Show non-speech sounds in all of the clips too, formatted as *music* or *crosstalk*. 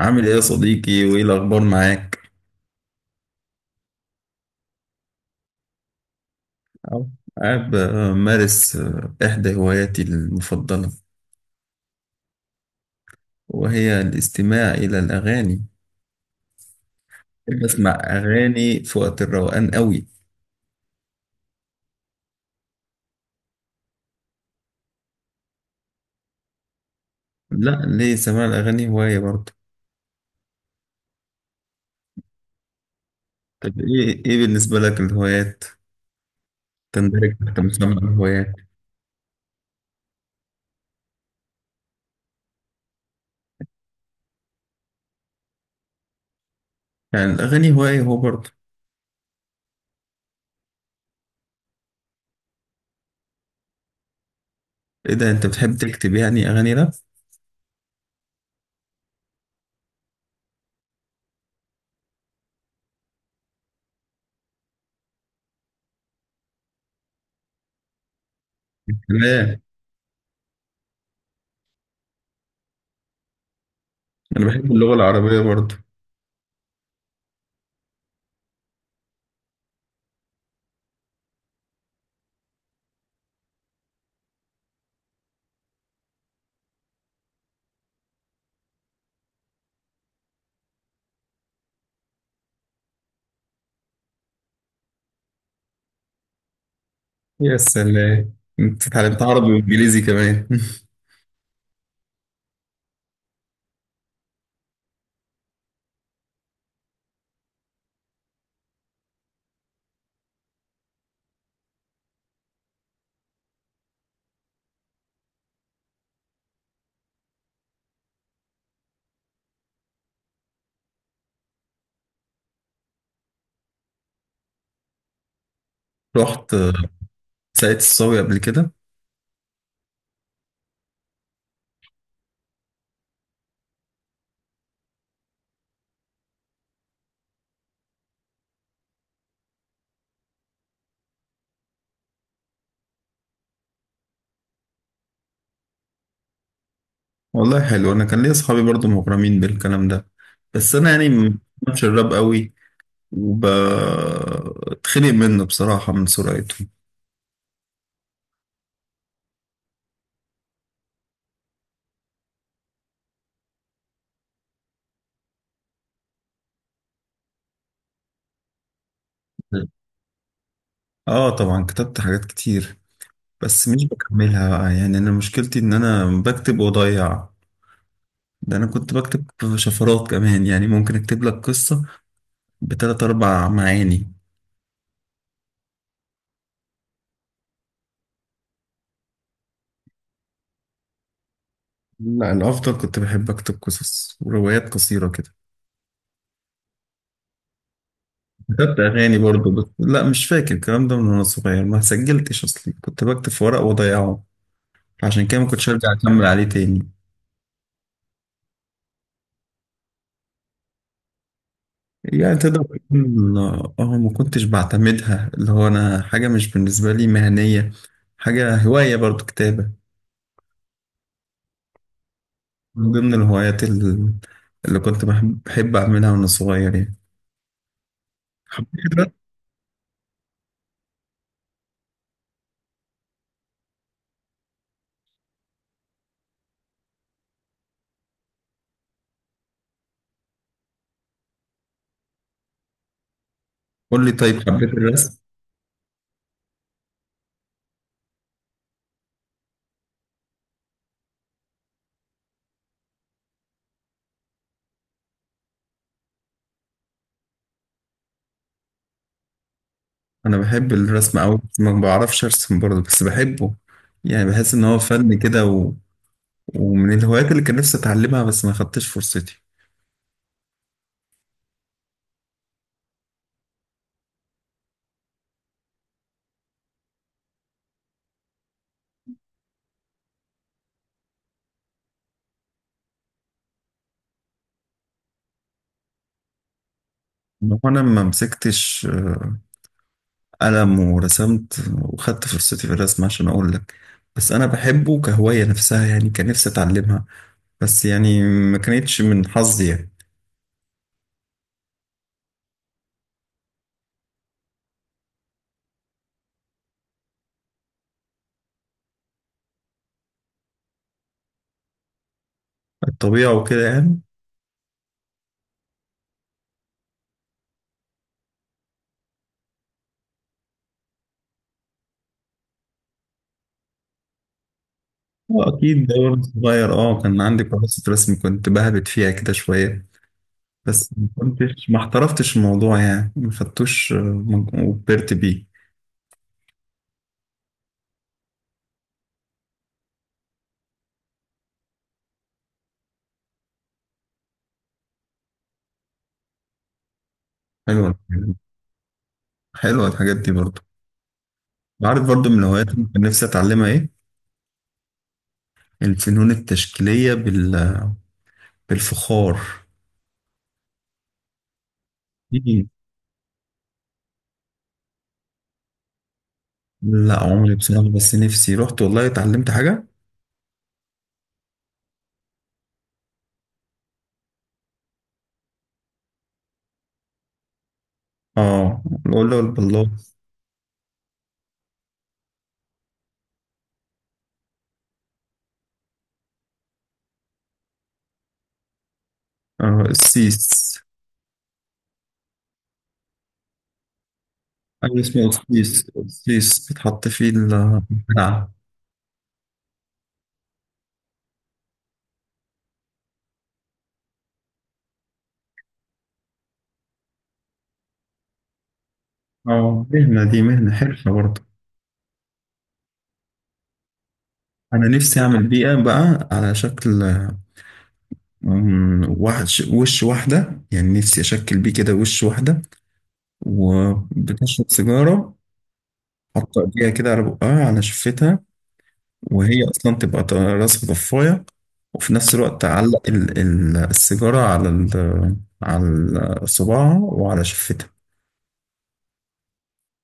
عامل ايه يا صديقي وايه الاخبار معاك؟ أو. قاعد بمارس احدى هواياتي المفضله، وهي الاستماع الى الاغاني. بسمع اغاني في وقت الروقان قوي. لا، ليه؟ سماع الاغاني هوايه برضه. طب ايه بالنسبه لك الهوايات تندرج تحت مسمى الهوايات؟ يعني الاغاني هوايه هو برضه. ايه ده، انت بتحب تكتب يعني اغاني؟ لا. لا، انا بحب اللغه العربيه برضه. يا سلام، انت اتعلمت عربي وانجليزي كمان؟ *laughs* رحت ساقية الصاوي قبل كده؟ والله حلو، انا كان ليا اصحابي برضو مغرمين بالكلام ده، بس انا يعني ما بفهمش الراب قوي وبتخنق منه بصراحة من سرعته. اه طبعا كتبت حاجات كتير، بس مش بكملها بقى. يعني انا مشكلتي ان انا بكتب واضيع. ده انا كنت بكتب شفرات كمان، يعني ممكن اكتب لك قصة بتلات اربع معاني. لا، الافضل كنت بحب اكتب قصص وروايات قصيرة كده. كتبت أغاني برضو بس، لا مش فاكر الكلام ده من وأنا صغير، ما سجلتش أصلي، كنت بكتب في ورق وأضيعه، عشان كده ما كنتش أرجع أكمل عليه تاني. يعني تقدر تكون، اه ما كنتش بعتمدها، اللي هو أنا حاجة مش بالنسبة لي مهنية، حاجة هواية برضو، كتابة. من ضمن الهوايات اللي كنت بحب أعملها وأنا صغير يعني، حبيت الرسم. قول لي، طيب حبيت الرسم. أنا بحب الرسم أوي بس ما بعرفش أرسم برضو، بس بحبه، يعني بحس إن هو فن كده، ومن الهوايات اللي كان نفسي اتعلمها بس ما خدتش فرصتي. إن هو انا ما مسكتش قلم ورسمت وخدت فرصتي في الرسم عشان اقول لك، بس انا بحبه كهواية نفسها، يعني كان نفسي اتعلمها بس، يعني ما كانتش من حظي يعني. الطبيعة وكده يعني. واكيد ده وأنا صغير اه، كان عندي كراسة رسم كنت بهبت فيها كده شوية، بس ما كنتش، ما احترفتش الموضوع يعني، ما خدتوش وكبرت بيه. حلوة. حلوة الحاجات دي برضه. عارف برضو من الهوايات اللي كان نفسي اتعلمها ايه؟ الفنون التشكيلية بالفخار. إيه؟ لا، عمري بصراحة، بس نفسي رحت والله اتعلمت حاجة. اه، القلة والبلاط. آه، السيس. أي، اسمه السيس، السيس بيتحط فيه البتاع. اه، مهنة، دي مهنة، حرفة برضه. أنا نفسي أعمل بيئة بقى على شكل، مم، وحش، وش واحدة يعني، نفسي أشكل بيه كده وش واحدة وبتشرب سيجارة، حط ايديها كده على بقها، على شفتها، وهي اصلا تبقى راسها ضفايه، وفي نفس الوقت تعلق السيجاره على على صباعها وعلى شفتها،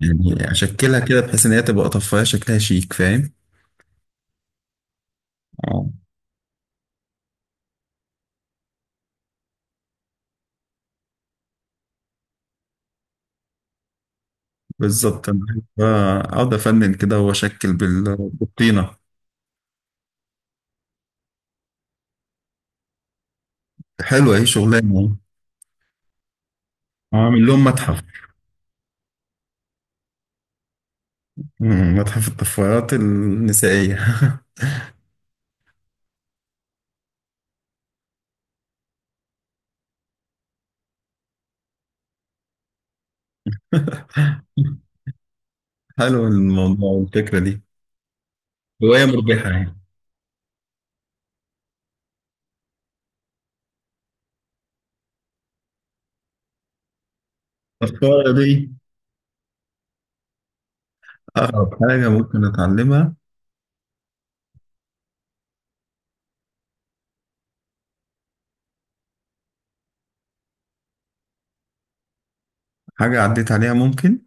يعني اشكلها كده بحيث ان هي تبقى طفايه شكلها شيك، فاهم؟ اه بالظبط، انا بحب اقعد افنن كده واشكل بالطينه. حلوه اهي شغلانه. اعمل لهم متحف. مم، متحف الطفايات النسائيه. *laughs* حلو الموضوع، الفكره دي هوايه مربحه يعني. الصورة دي أقرب حاجة ممكن أتعلمها. حاجة عديت عليها ممكن.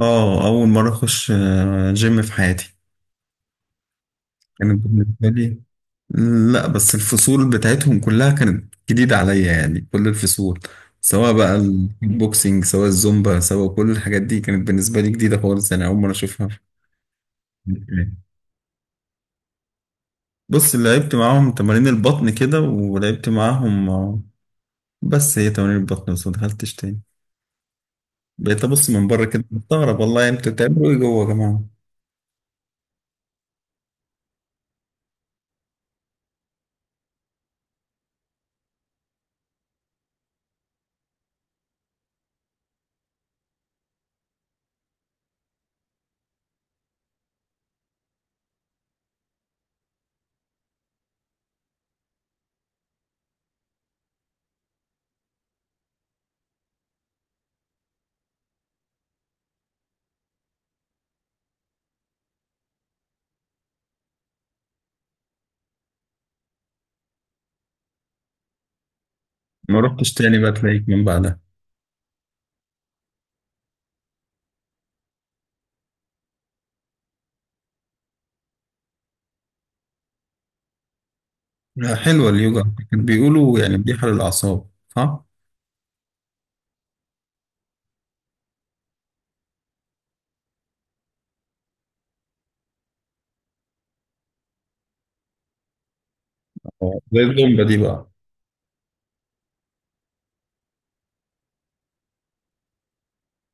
أول مرة أخش جيم في حياتي كانت بالنسبة لي. لا بس الفصول بتاعتهم كلها كانت جديدة عليا، يعني كل الفصول، سواء بقى الكيك بوكسينج سواء الزومبا، سواء كل الحاجات دي كانت بالنسبة لي جديدة خالص، يعني أول مرة أشوفها. بص، اللي لعبت معاهم تمارين البطن كده، ولعبت معاهم بس هي تمارين البطن بس، ما دخلتش تاني. بقيت أبص من بره كده مستغرب، والله انتوا بتعملوا إيه جوه يا جماعة. ما رحتش تاني بقى تلاقيك من بعدها؟ لا. حلوة اليوجا، كانت بيقولوا يعني مريحة للأعصاب، صح؟ آه، زي الزومبا دي بقى.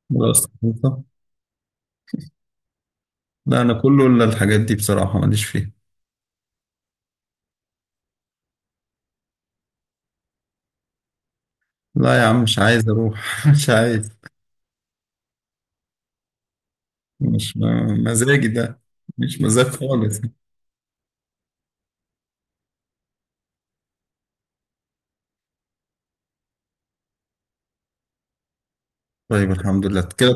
خلاص خلصة. لا، أنا كله إلا الحاجات دي بصراحة، ماليش فيها. لا يا عم مش عايز أروح *laughs* مش عايز. مش مزاجي ده، مش مزاج خالص. طيب، الحمد لله كده.